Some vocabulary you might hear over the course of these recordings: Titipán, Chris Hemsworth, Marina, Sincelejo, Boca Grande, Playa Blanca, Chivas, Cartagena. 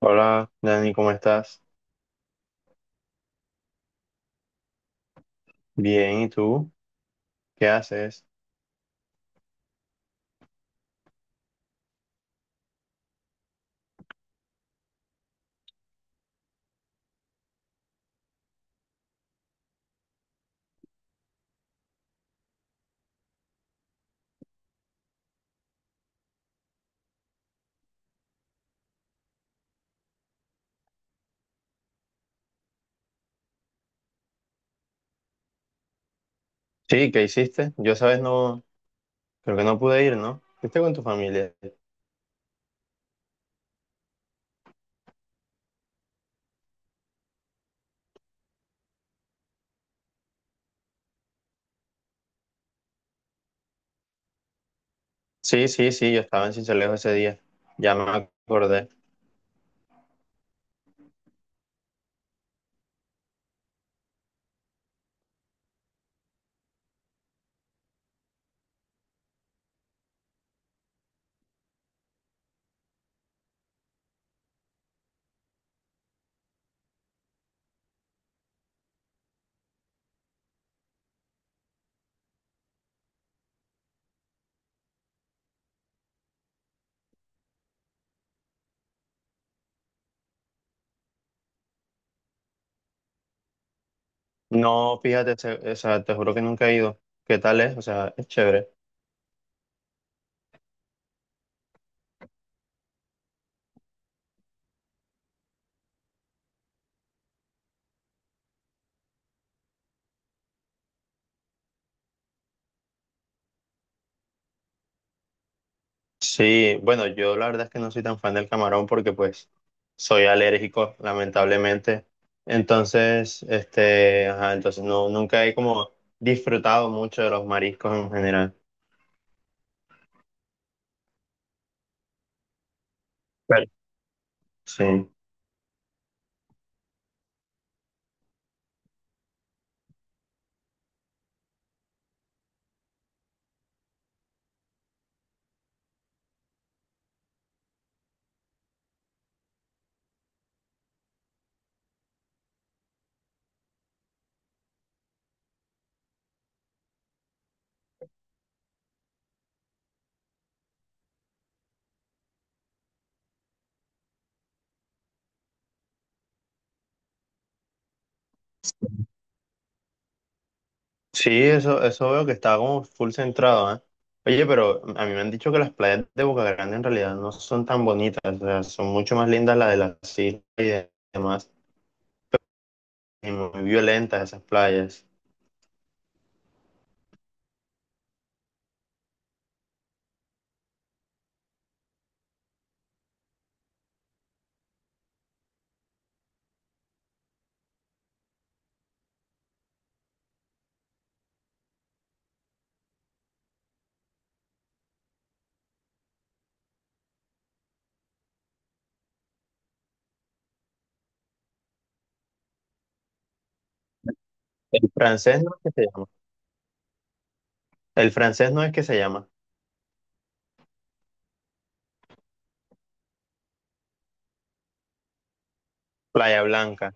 Hola, Dani, ¿cómo estás? Bien, ¿y tú? ¿Qué haces? Sí, ¿qué hiciste? Yo, sabes, no, creo que no pude ir, ¿no? ¿Fuiste con tu familia? Sí, sí, sí, yo estaba en Sincelejo ese día, ya me acordé. No, fíjate, o sea, te juro que nunca he ido. ¿Qué tal es? O sea, es chévere. Sí, bueno, yo la verdad es que no soy tan fan del camarón porque pues soy alérgico, lamentablemente. Entonces, este, ajá, entonces no, nunca he como disfrutado mucho de los mariscos en general. Sí. Sí, eso veo que está como full centrado, ¿eh? Oye, pero a mí me han dicho que las playas de Boca Grande en realidad no son tan bonitas, o sea, son mucho más lindas las de las islas y demás, y muy violentas esas playas. El francés no es que se llama, el francés no es que se llama Playa Blanca.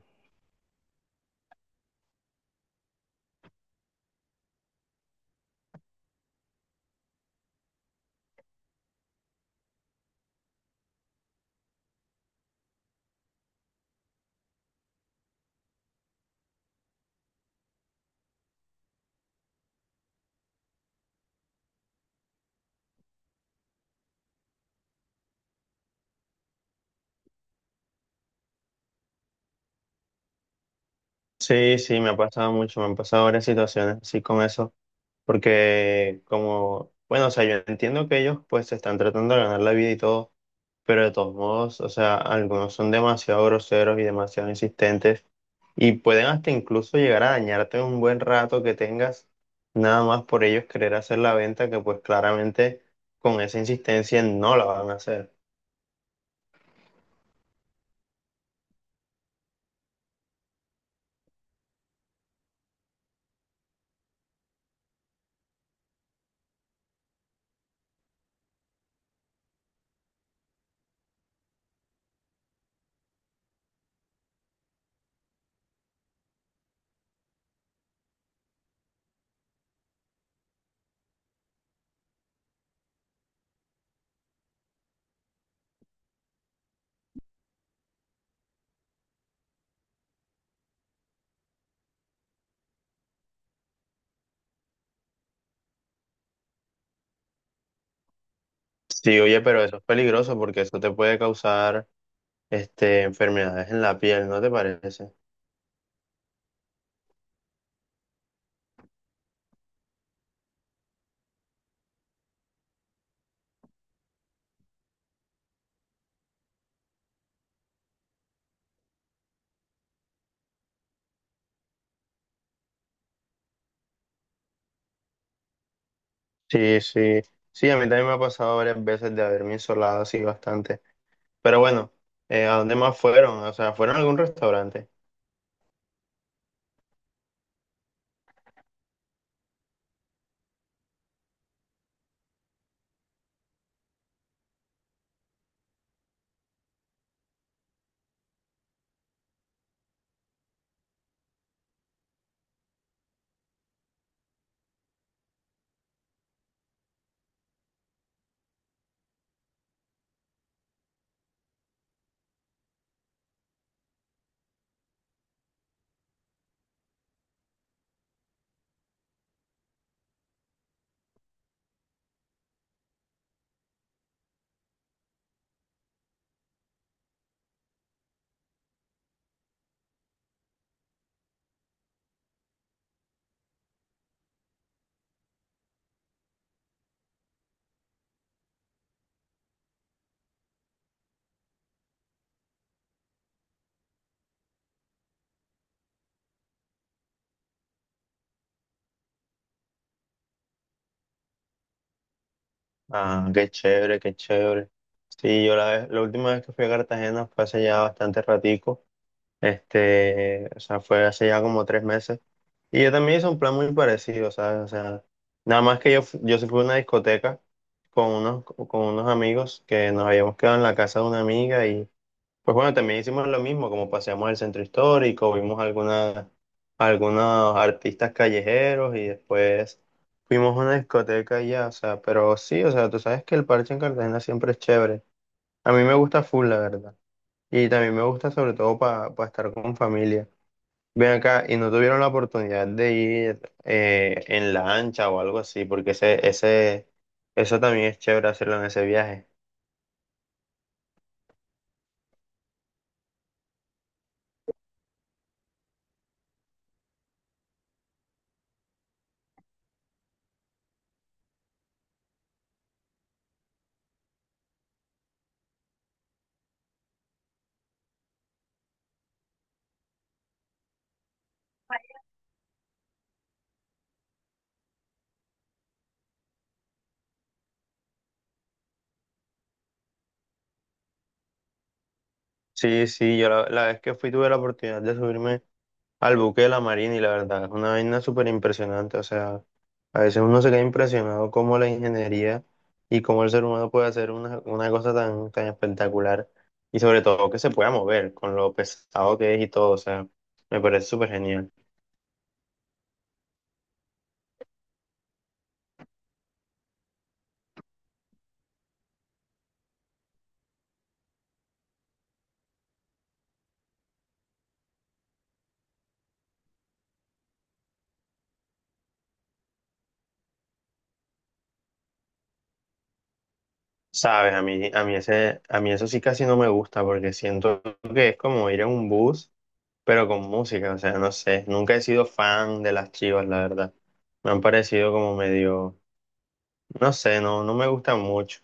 Sí, sí, me ha pasado mucho, me han pasado varias situaciones así con eso, porque como, bueno, o sea, yo entiendo que ellos pues se están tratando de ganar la vida y todo, pero de todos modos, o sea, algunos son demasiado groseros y demasiado insistentes y pueden hasta incluso llegar a dañarte un buen rato que tengas, nada más por ellos querer hacer la venta que pues claramente con esa insistencia no la van a hacer. Sí, oye, pero eso es peligroso porque eso te puede causar este, enfermedades en la piel, ¿no te parece? Sí, sí, sí, a mí también me ha pasado varias veces de haberme insolado así bastante. Pero bueno, ¿a dónde más fueron? O sea, ¿fueron a algún restaurante? Ah, qué chévere, qué chévere. Sí, yo la última vez que fui a Cartagena fue hace ya bastante ratico, este, o sea, fue hace ya como 3 meses. Y yo también hice un plan muy parecido, ¿sabes? O sea, nada más que yo sí fui a una discoteca con unos amigos que nos habíamos quedado en la casa de una amiga. Pues bueno, también hicimos lo mismo, como paseamos el centro histórico, vimos algunas, algunos artistas callejeros y después fuimos a una discoteca allá, o sea, pero sí, o sea, tú sabes que el parche en Cartagena siempre es chévere. A mí me gusta full, la verdad. Y también me gusta sobre todo para estar con familia. Ven acá y no tuvieron la oportunidad de ir en lancha o algo así, porque eso también es chévere hacerlo en ese viaje. Sí, sí, yo la vez que fui tuve la oportunidad de subirme al buque de la Marina y la verdad es una vaina súper impresionante. O sea, a veces uno se queda impresionado cómo la ingeniería y cómo el ser humano puede hacer una cosa tan, tan espectacular y sobre todo que se pueda mover con lo pesado que es y todo. O sea, me parece súper genial. Sabes, a mí ese, a mí eso sí casi no me gusta porque siento que es como ir en un bus, pero con música. O sea, no sé, nunca he sido fan de las Chivas, la verdad. Me han parecido como medio, no sé, no, no me gustan mucho.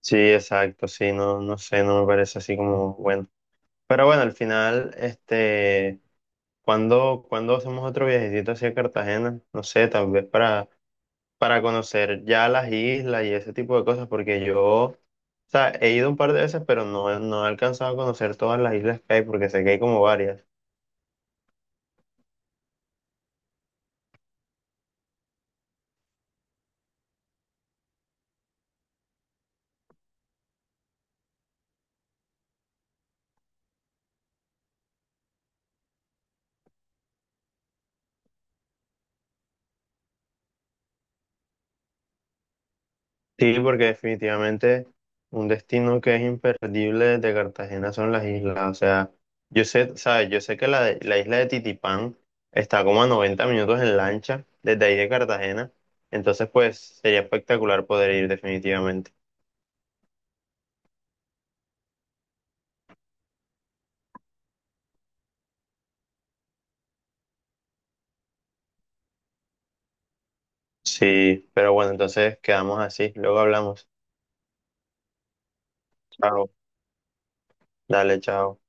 Sí, exacto, sí, no, no sé, no me parece así como bueno. Pero bueno, al final, este, cuando hacemos otro viajecito hacia Cartagena, no sé, tal vez para conocer ya las islas y ese tipo de cosas, porque yo, o sea, he ido un par de veces, pero no, no he alcanzado a conocer todas las islas que hay, porque sé que hay como varias. Sí, porque definitivamente un destino que es imperdible de Cartagena son las islas. O sea, yo sé, ¿sabes? Yo sé que la isla de Titipán está como a 90 minutos en lancha desde ahí de Cartagena. Entonces, pues sería espectacular poder ir definitivamente. Sí, pero bueno, entonces quedamos así. Luego hablamos. Chao. Dale, chao.